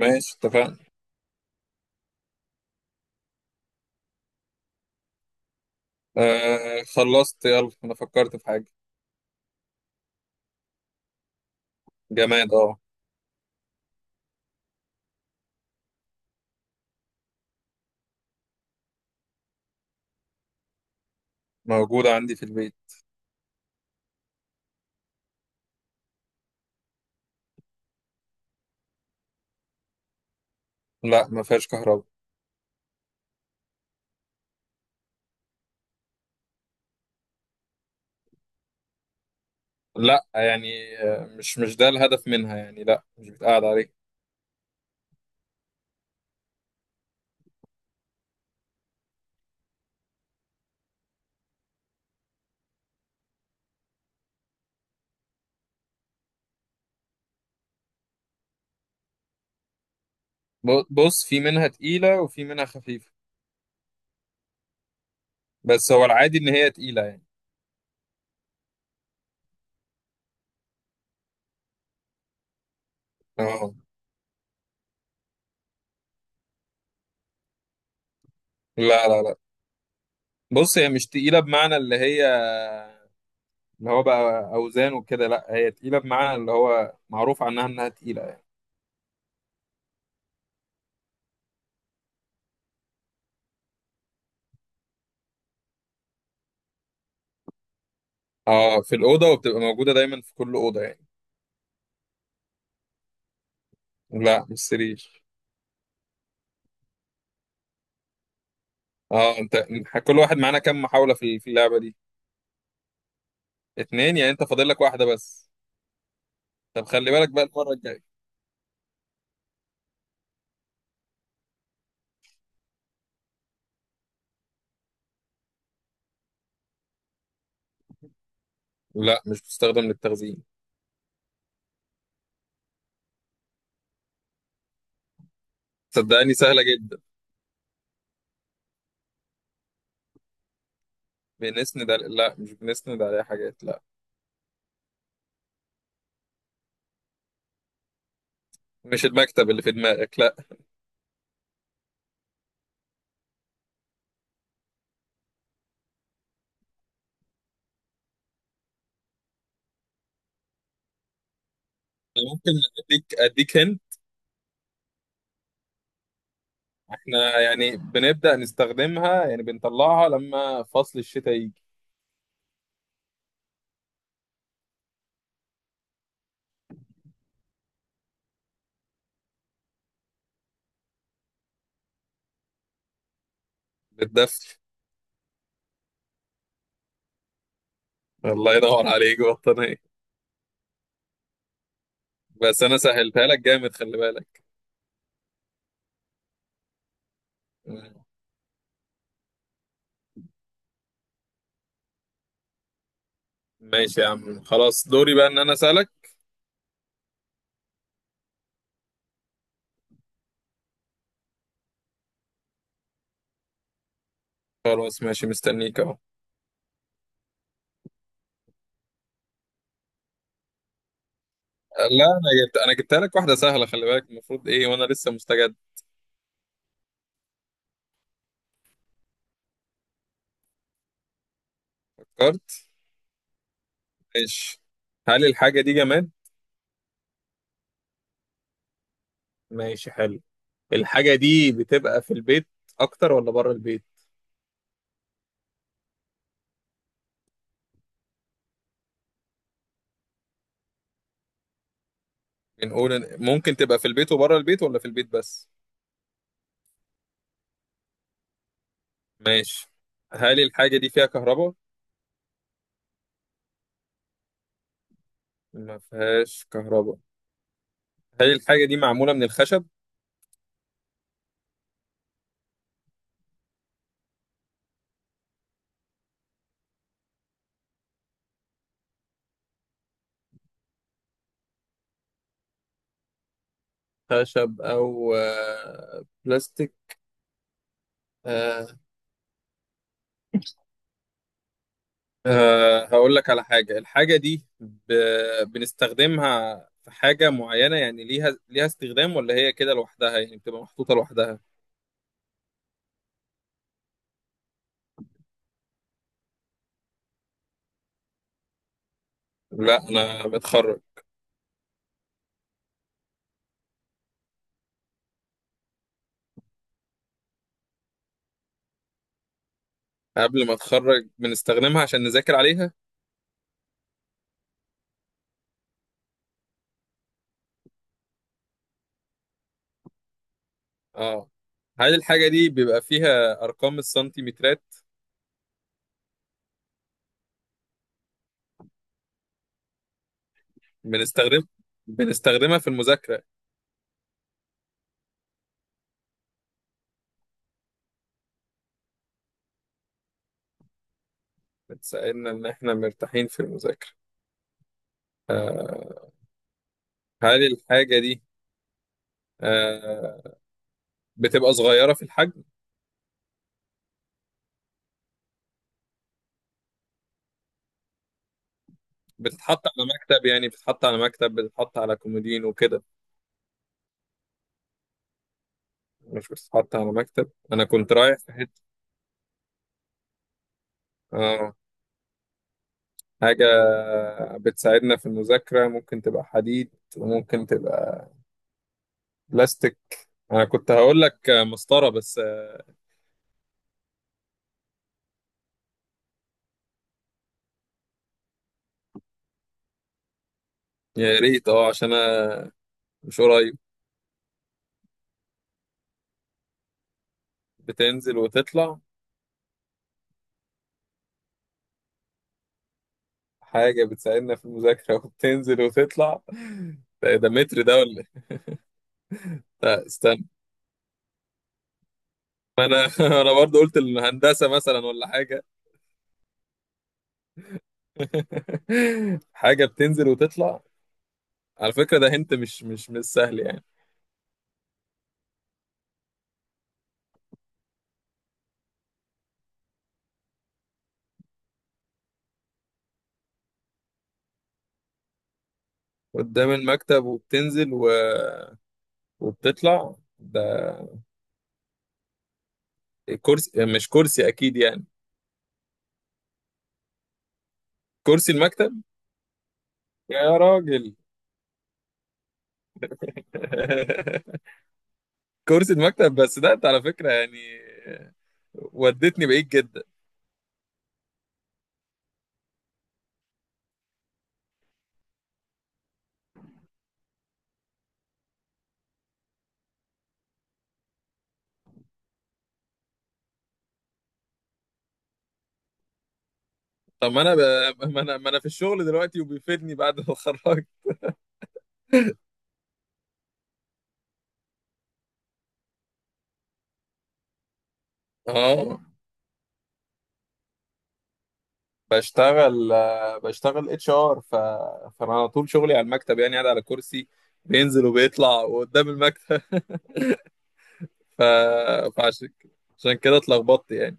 ماشي، اتفقنا. آه، خلصت. يلا انا فكرت في حاجة. جماد، اه. موجودة عندي في البيت. لا، ما فيهاش كهرباء. لا يعني آه، مش ده الهدف منها يعني، لا مش بتقعد عليه. بص في منها تقيلة وفي منها خفيفة، بس هو العادي ان هي تقيلة يعني. اه. لا لا لا، بص هي مش تقيلة بمعنى اللي هي اللي هو بقى اوزان وكده، لا هي تقيلة بمعنى اللي هو معروف عنها انها تقيلة يعني. اه، في الأوضة وبتبقى موجودة دايما في كل أوضة يعني. لا مش سرير. اه انت، كل واحد معانا كام محاولة في اللعبة دي؟ اتنين؟ يعني انت فاضل لك واحدة بس. طب خلي بالك بقى المرة الجاية. لا مش بتستخدم للتخزين. صدقني سهلة جدا. بنسند على... لا مش بنسند عليها حاجات، لا. مش المكتب اللي في دماغك، لا. ممكن اديك هن. احنا يعني بنبدأ نستخدمها، يعني بنطلعها لما فصل الشتاء يجي. بالدفء. الله ينور عليك، بطانية. بس انا سهلتها لك جامد، خلي بالك. ماشي يا عم، خلاص دوري بقى ان انا اسألك. خلاص ماشي، مستنيك اهو. لا، انا جبتها لك واحده سهله، خلي بالك المفروض ايه وانا لسه مستجد. فكرت. ماشي. هل الحاجه دي جماد؟ ماشي حلو. الحاجه دي بتبقى في البيت اكتر ولا بره البيت؟ ممكن تبقى في البيت وبره البيت ولا في البيت بس؟ ماشي. هل الحاجه دي فيها كهرباء؟ ما فيهاش كهرباء. هل الحاجه دي معموله من الخشب؟ خشب او آه، بلاستيك. أه هقول لك على حاجة، الحاجة دي ب... بنستخدمها في حاجة معينة يعني، ليها ليها استخدام ولا هي كده لوحدها يعني بتبقى محطوطة لوحدها؟ لا أنا بتخرج. قبل ما أتخرج بنستخدمها عشان نذاكر عليها. اه. هل الحاجة دي بيبقى فيها أرقام السنتيمترات؟ بنستخدم بنستخدمها في المذاكرة. بتساعدنا إن إحنا مرتاحين في المذاكرة. أه. هل الحاجة دي أه بتبقى صغيرة في الحجم؟ بتتحط على مكتب، يعني بتتحط على مكتب، بتتحط على كومودين وكده. مش بتتحط على مكتب، انا كنت رايح في حته. اه. حاجه بتساعدنا في المذاكره، ممكن تبقى حديد وممكن تبقى بلاستيك. انا كنت هقول لك مسطره بس. يا ريت اه، عشان انا مش قريب. بتنزل وتطلع. حاجه بتساعدنا في المذاكره وبتنزل وتطلع. ده ده متر ده ولا إيه؟ لا استنى. ما انا انا برضه قلت الهندسه مثلا ولا حاجه. حاجة بتنزل وتطلع. على فكرة ده هنت مش سهل يعني. قدام المكتب وبتنزل و... وبتطلع ده. كرسي، مش كرسي أكيد يعني. كرسي المكتب. يا راجل. كرسي المكتب بس، ده انت على فكرة يعني ودتني بعيد جدا. طب ما انا ب... ما انا في الشغل دلوقتي وبيفيدني بعد ما اتخرجت. اه. بشتغل آه، بشتغل اتش ار ف... فانا على طول شغلي على المكتب، يعني قاعد على كرسي بينزل وبيطلع وقدام المكتب. ف... فعشان عشان كده اتلخبطت يعني.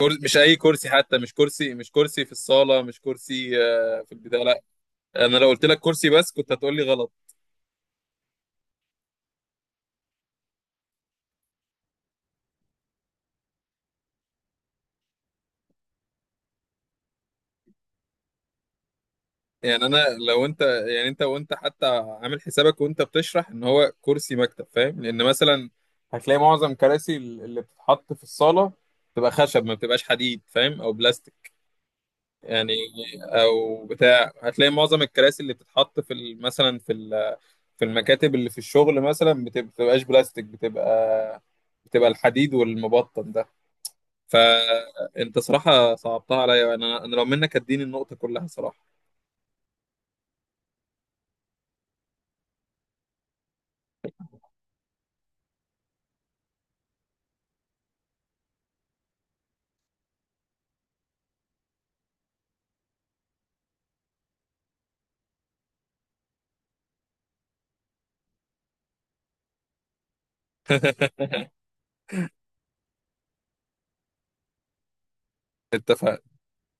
كرسي، مش اي كرسي، حتى مش كرسي، مش كرسي في الصاله، مش كرسي آه، في البتاع، لا. انا لو قلت لك كرسي بس كنت هتقول لي غلط. يعني انا لو انت، يعني انت وانت حتى عامل حسابك وانت بتشرح ان هو كرسي مكتب، فاهم؟ لان مثلا هتلاقي معظم كراسي اللي بتتحط في الصاله بتبقى خشب، ما بتبقاش حديد، فاهم، او بلاستيك يعني. او بتاع، هتلاقي معظم الكراسي اللي بتتحط في مثلا في في المكاتب اللي في الشغل مثلا بتبقاش بلاستيك، بتبقى الحديد والمبطن ده. فانت صراحة صعبتها عليا، انا لو منك اديني النقطة كلها صراحة. اتفقنا.